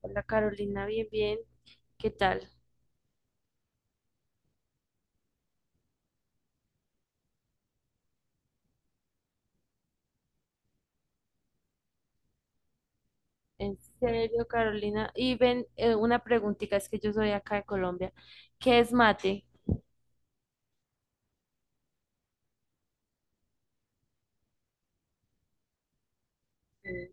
Hola Carolina, bien, bien. ¿Qué tal? En serio, Carolina. Y ven, una preguntita, es que yo soy acá de Colombia. ¿Qué es mate? Eh,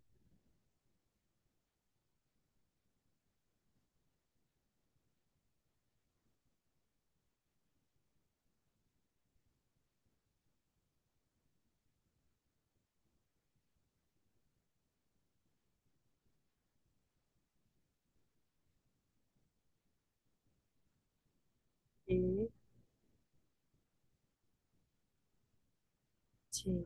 Sí, sí.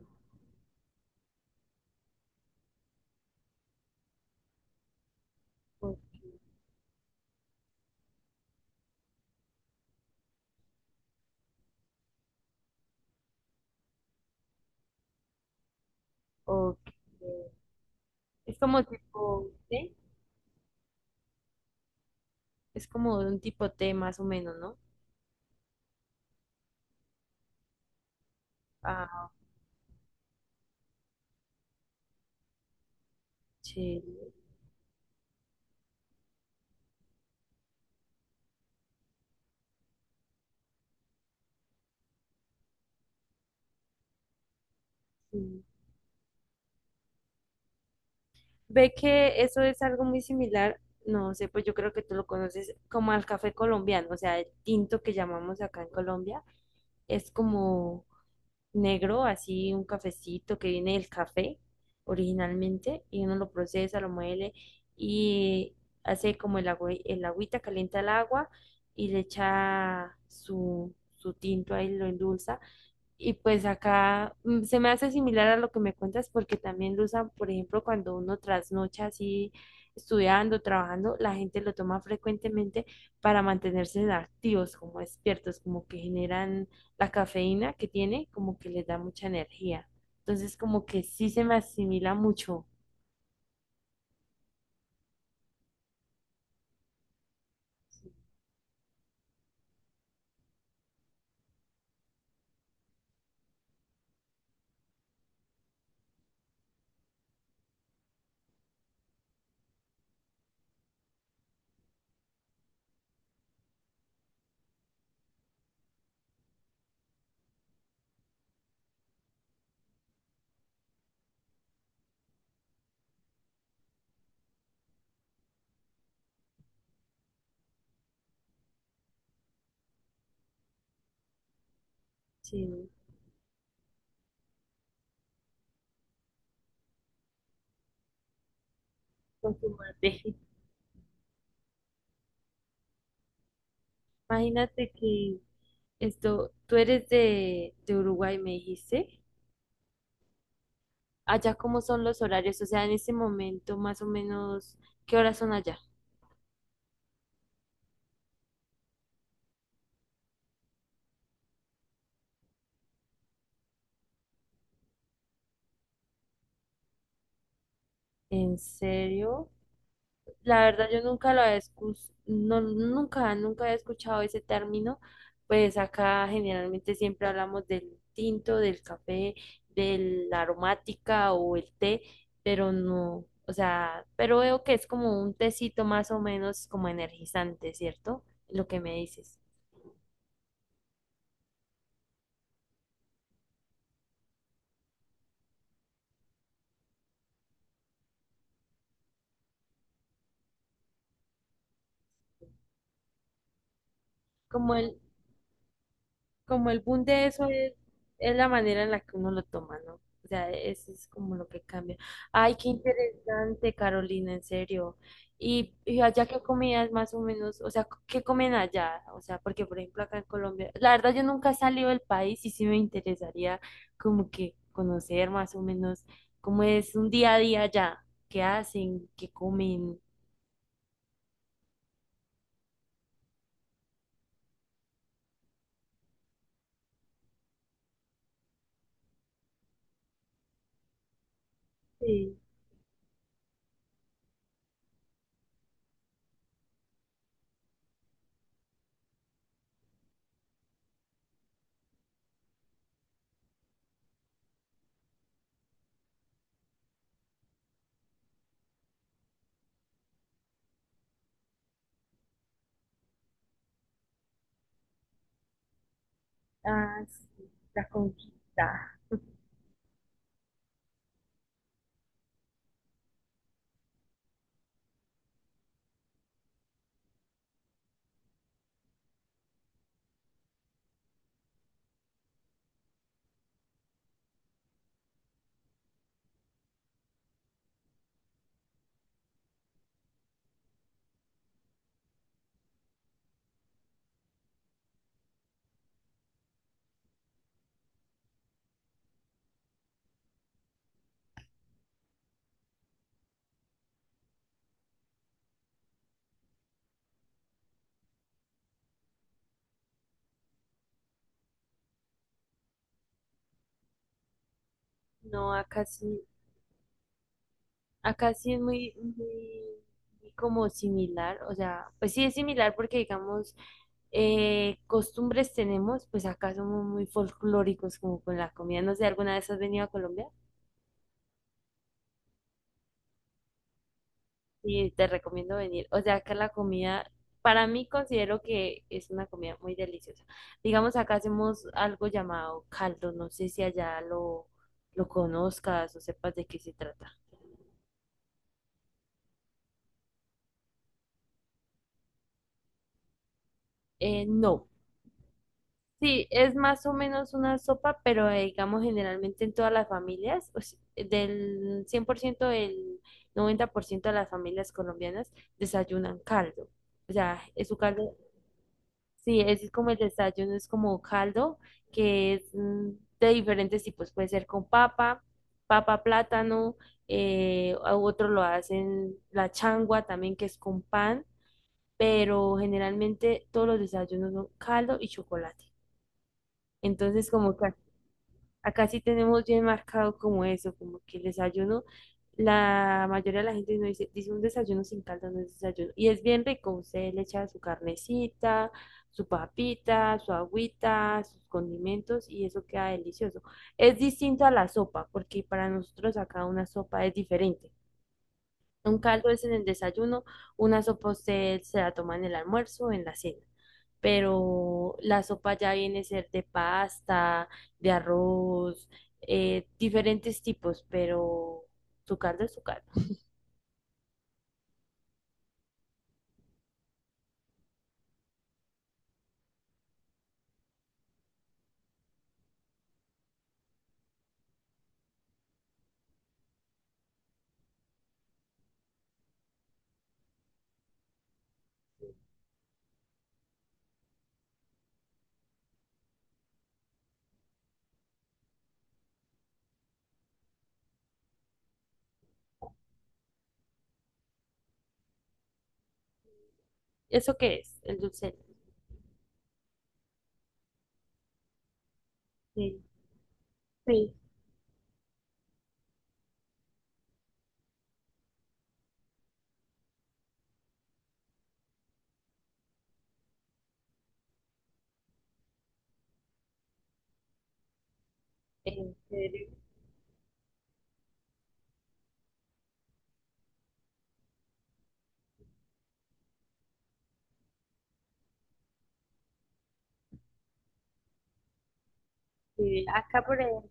o- o- eh, Es como tipo té. ¿Es como un tipo té más o menos, no? Ah, sí, sí. Ve que eso es algo muy similar, no sé, pues yo creo que tú lo conoces como al café colombiano, o sea, el tinto que llamamos acá en Colombia, es como negro, así un cafecito que viene del café originalmente, y uno lo procesa, lo muele y hace como el agua, el agüita, calienta el agua y le echa su, su tinto ahí, lo endulza y pues acá se me hace similar a lo que me cuentas porque también lo usan, por ejemplo, cuando uno trasnocha así estudiando, trabajando, la gente lo toma frecuentemente para mantenerse activos, como despiertos, como que generan la cafeína que tiene, como que les da mucha energía. Entonces, como que sí se me asimila mucho. Sí, con fumarte. Imagínate que esto, tú eres de Uruguay, me dijiste. ¿Allá cómo son los horarios, o sea, en este momento más o menos, qué horas son allá? ¿En serio? La verdad yo nunca lo había no, nunca había escuchado ese término, pues acá generalmente siempre hablamos del tinto, del café, de la aromática o el té, pero no, o sea, pero veo que es como un tecito más o menos como energizante, ¿cierto? Lo que me dices. Como el, como el boom de eso es la manera en la que uno lo toma, ¿no? O sea, eso es como lo que cambia. Ay, qué interesante, Carolina, en serio. Y allá ¿qué comidas más o menos, o sea, qué comen allá? O sea, porque por ejemplo acá en Colombia, la verdad yo nunca he salido del país y sí me interesaría como que conocer más o menos cómo es un día a día allá, qué hacen, qué comen. Sí, ah, sí, la conquista. No, acá sí. Acá sí es muy, muy como similar, o sea, pues sí es similar porque digamos, costumbres tenemos, pues acá somos muy folclóricos como con la comida. No sé, ¿alguna vez has venido a Colombia? Y te recomiendo venir. O sea, acá la comida, para mí considero que es una comida muy deliciosa. Digamos, acá hacemos algo llamado caldo, no sé si allá lo conozcas o sepas de qué se trata. No, sí, es más o menos una sopa, pero digamos generalmente en todas las familias, o si- del 100% el 90% de las familias colombianas desayunan caldo. O sea, es su caldo, sí, es como el desayuno, es como caldo que es de diferentes tipos, puede ser con papa, papa, plátano, a otro lo hacen la changua también que es con pan, pero generalmente todos los desayunos son caldo y chocolate. Entonces, como que acá sí tenemos bien marcado como eso, como que el desayuno, la mayoría de la gente no dice, dice un desayuno sin caldo, no es desayuno. Y es bien rico, usted le echa su carnecita, su papita, su agüita, sus condimentos y eso queda delicioso. Es distinto a la sopa, porque para nosotros acá una sopa es diferente. Un caldo es en el desayuno, una sopa usted se la toma en el almuerzo o en la cena, pero la sopa ya viene a ser de pasta, de arroz, diferentes tipos, pero su caldo es su caldo. ¿Eso qué es? El dulce de leche. Sí, sí, en serio, sí. Acá, por ejemplo,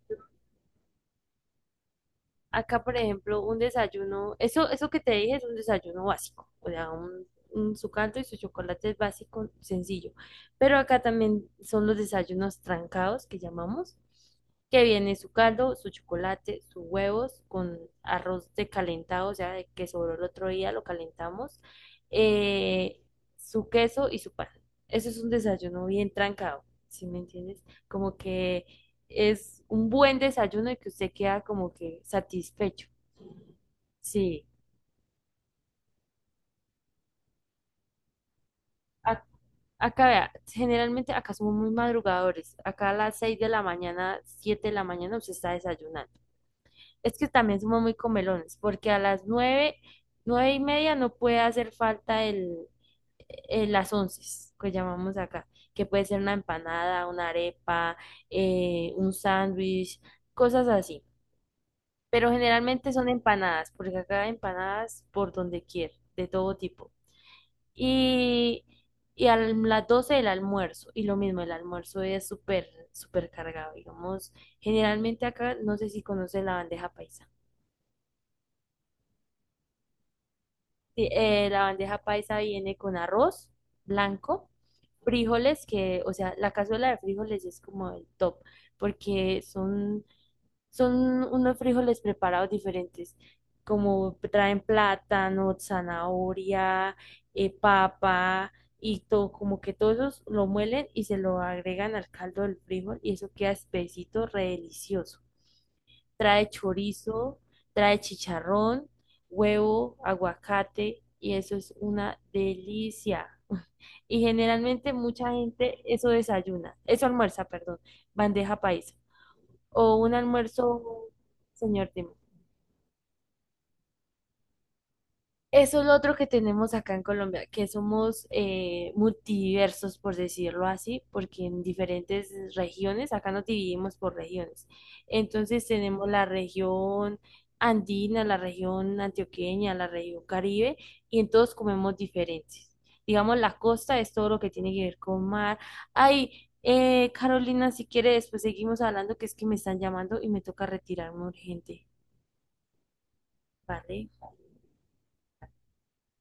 Acá, por ejemplo, un desayuno, eso que te dije es un desayuno básico, o sea, un, su caldo y su chocolate es básico, sencillo. Pero acá también son los desayunos trancados que llamamos, que viene su caldo, su chocolate, sus huevos con arroz de calentado, o sea, de que sobró el otro día, lo calentamos, eh, su queso y su pan. Eso es un desayuno bien trancado, ¿sí me entiendes? Como que es un buen desayuno y que usted queda como que satisfecho. Sí, A- acá vea, generalmente acá somos muy madrugadores. Acá a las 6 de la mañana, 7 de la mañana usted está desayunando. Es que también somos muy comelones, porque a las 9 9 y media no puede hacer falta el, las 11, que llamamos acá, que puede ser una empanada, una arepa, un sándwich, cosas así. Pero generalmente son empanadas, porque acá hay empanadas por donde quiera, de todo tipo. Y, y a las 12 el almuerzo, y lo mismo, el almuerzo es súper, súper cargado, digamos. Generalmente acá, no sé si conocen la bandeja paisa. Sí, la bandeja paisa viene con arroz blanco, frijoles, que, o sea, la cazuela de frijoles es como el top, porque son. Son unos frijoles preparados diferentes, como traen plátano, zanahoria, papa y todo, como que todos esos lo muelen y se lo agregan al caldo del frijol y eso queda espesito, re delicioso. Trae chorizo, trae chicharrón, huevo, aguacate y eso es una delicia. Y generalmente mucha gente eso desayuna, eso almuerza, perdón, bandeja paisa o un almuerzo, señor Tim. Eso es lo otro que tenemos acá en Colombia, que somos multiversos, por decirlo así, porque en diferentes regiones, acá nos dividimos por regiones. Entonces tenemos la región andina, la región antioqueña, la región caribe, y en todos comemos diferentes. Digamos, la costa es todo lo que tiene que ver con mar. Ay, Carolina, si quiere, después seguimos hablando, que es que me están llamando y me toca retirarme urgente, ¿vale?